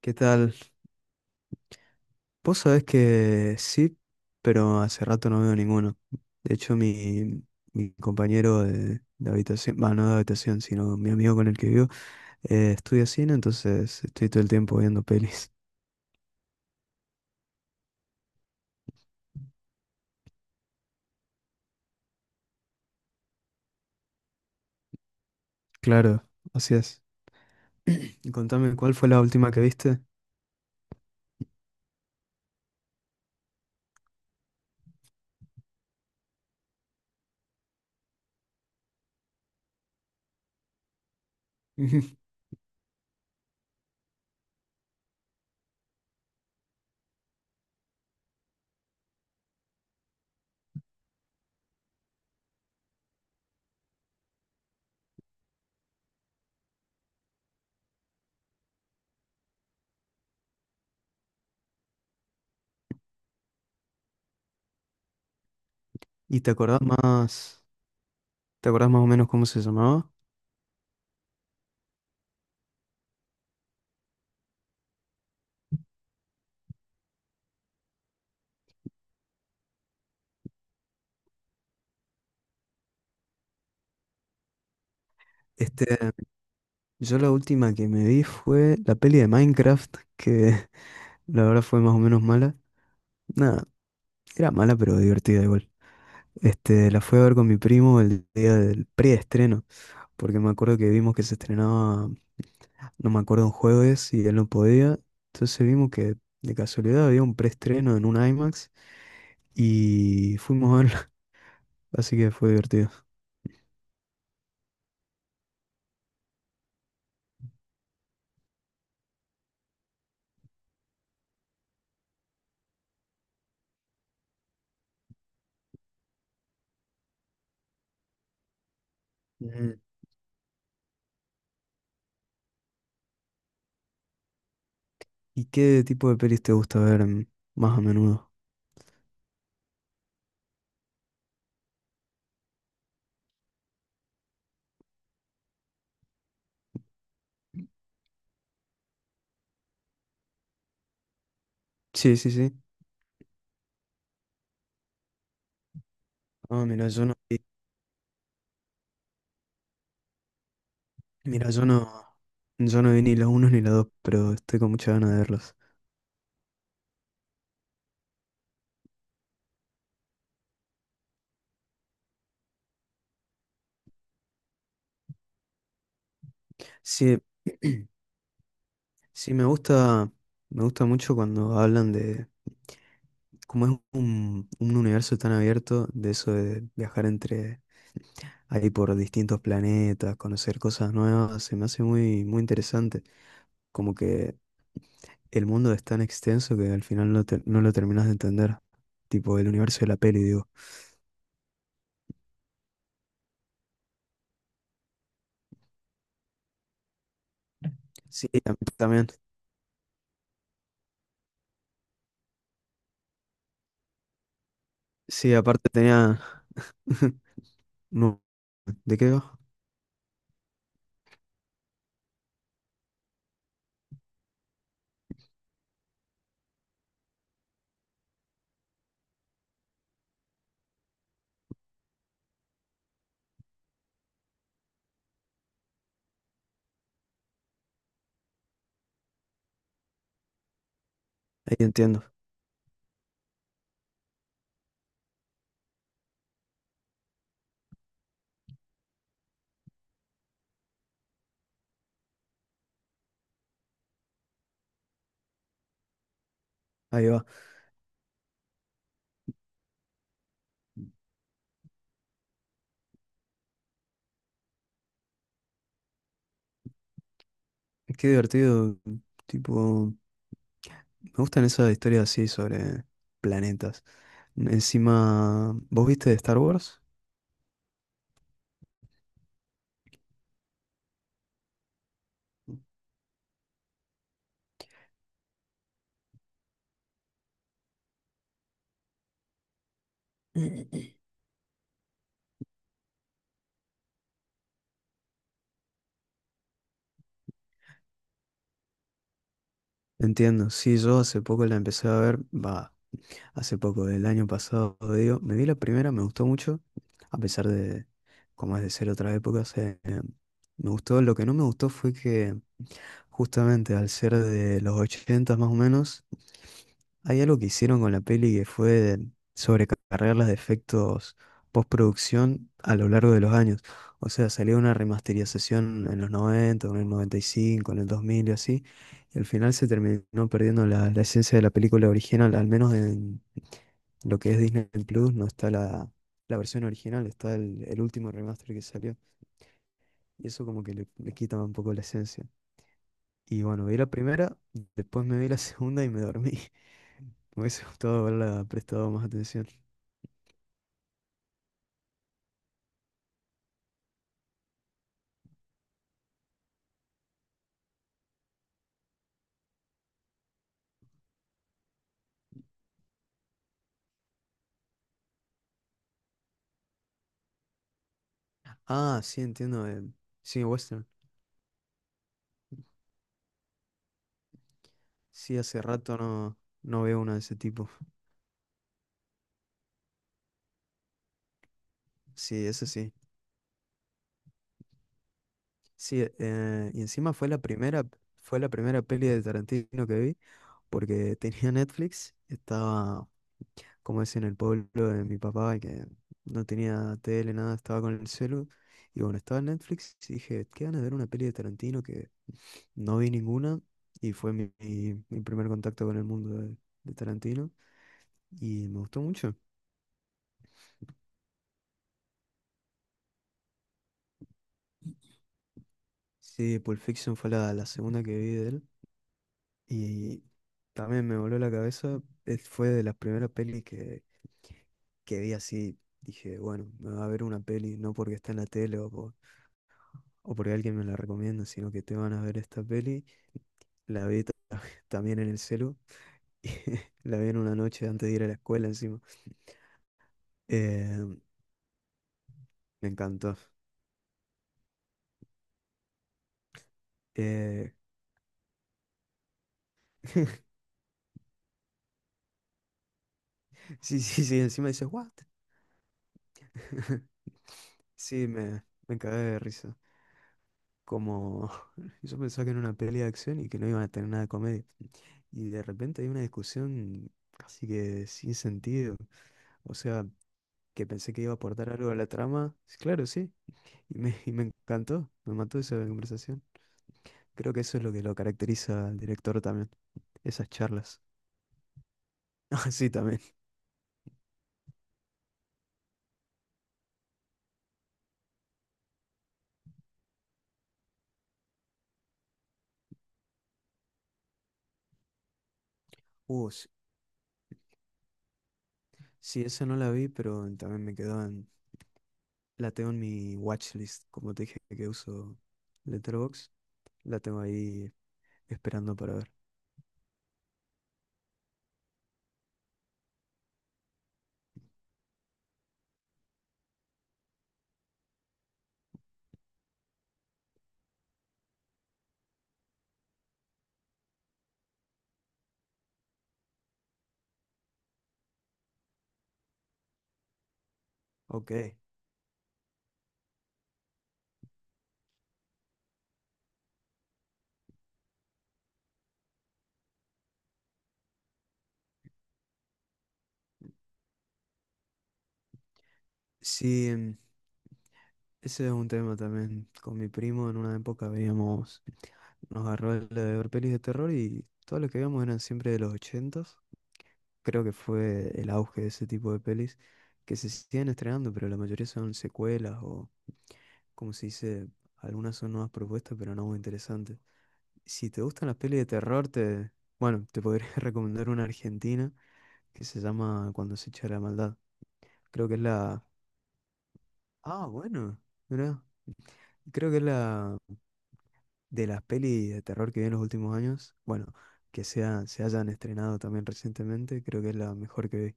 ¿Qué tal? Vos sabés que sí, pero hace rato no veo ninguno. De hecho, mi compañero de habitación, bueno, no de habitación, sino mi amigo con el que vivo, estudia cine, entonces estoy todo el tiempo viendo pelis. Claro, así es. Y contame, ¿cuál fue la última que viste? Ujú. ¿Y te acordás más o menos cómo se llamaba? Este, yo la última que me vi fue la peli de Minecraft, que la verdad fue más o menos mala. Nada, era mala, pero divertida igual. La fui a ver con mi primo el día del preestreno, porque me acuerdo que vimos que se estrenaba, no me acuerdo, un jueves y él no podía. Entonces vimos que de casualidad había un preestreno en un IMAX y fuimos a verla, así que fue divertido. Ujú. ¿Y qué tipo de pelis te gusta ver más a menudo? Sí, sí, sí. Ah, mira, yo no vi, mira, yo no vi ni la uno ni la dos, pero estoy con muchas ganas de verlas. Sí. Sí, me gusta mucho cuando hablan de cómo es un universo tan abierto, de eso de viajar entre ahí por distintos planetas, conocer cosas nuevas, se me hace muy, muy interesante. Como que el mundo es tan extenso que al final no lo terminas de entender. Tipo el universo de la peli, digo. Sí, tam- también. Sí, aparte tenía. No, ¿de qué va? Ahí entiendo. Ahí va. Qué divertido. Tipo. Me gustan esas historias así sobre planetas. Encima, ¿vos viste de Star Wars? Entiendo, sí, yo hace poco la empecé a ver, va, hace poco, del año pasado, digo, me vi la primera, me gustó mucho, a pesar de, como es de ser otra época, o sea, me gustó, lo que no me gustó fue que justamente al ser de los 80 más o menos, hay algo que hicieron con la peli que fue sobrecargar los efectos postproducción a lo largo de los años. O sea, salió una remasterización en los 90, en el 95, en el 2000 y así. Y al final se terminó perdiendo la esencia de la película original, al menos en lo que es Disney Plus. No está la versión original, está el último remaster que salió. Y eso como que le quita un poco la esencia. Y bueno, vi la primera, después me vi la segunda y me dormí. Me hubiese gustado haberla prestado más atención. Ah, sí, entiendo. Sí, western. Sí, hace rato no veo una de ese tipo. Sí, eso sí. Sí, y encima fue la primera peli de Tarantino que vi, porque tenía Netflix, estaba, como es en el pueblo de mi papá, que no tenía tele, nada, estaba con el celu. Y bueno, estaba en Netflix y dije, qué ganas de ver una peli de Tarantino que no vi ninguna, y fue mi, mi primer contacto con el mundo de Tarantino y me gustó mucho. Sí, Pulp Fiction fue la segunda que vi de él, y también me voló la cabeza. Fue de las primeras pelis que vi así. Dije, bueno, me va a ver una peli, no porque está en la tele o porque alguien me la recomienda, sino que te van a ver esta peli. La vi ta- también en el celu. La vi en una noche antes de ir a la escuela encima. Eh, Me encantó. Eh, Sí, sí, sí, encima dices, ¿what? Sí, me cagué de risa. Como yo pensaba que era una peli de acción y que no iban a tener nada de comedia. Y de repente hay una discusión así, que sin sentido. O sea, que pensé que iba a aportar algo a la trama. Sí, claro, sí. Y me encantó. Me mató esa conversación. Creo que eso es lo que lo caracteriza al director también. Esas charlas. Ah, sí, también. Uh, s- sí, esa no la vi, pero también me quedó. La tengo en mi watchlist, como te dije que uso Letterboxd, la tengo ahí esperando para ver. Ok. Sí, ese es un tema también. Con mi primo en una época veíamos, nos agarró el de ver pelis de terror y todo lo que veíamos eran siempre de los ochentas. Creo que fue el auge de ese tipo de pelis que se siguen estrenando, pero la mayoría son secuelas o, como se dice, algunas son nuevas propuestas, pero no muy interesantes. Si te gustan las pelis de terror, te, bueno, te podría recomendar una argentina que se llama Cuando se echa la maldad. Creo que es la... Ah, bueno, mirá. Creo que es la de las pelis de terror que vi en los últimos años. Bueno, que sea, se hayan estrenado también recientemente, creo que es la mejor que vi.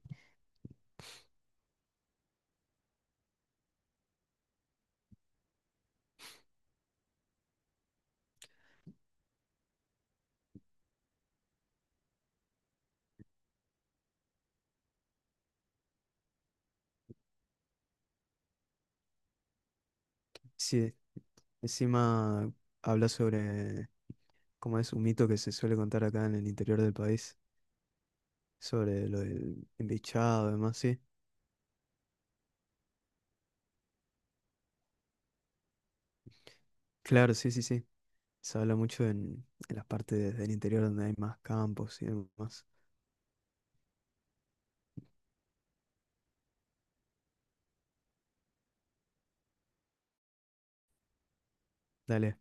Sí, encima habla sobre cómo es un mito que se suele contar acá en el interior del país, sobre lo del embichado, y demás, sí. Claro, sí, sí, sí. Se habla mucho en las partes del interior donde hay más campos y demás. Dale.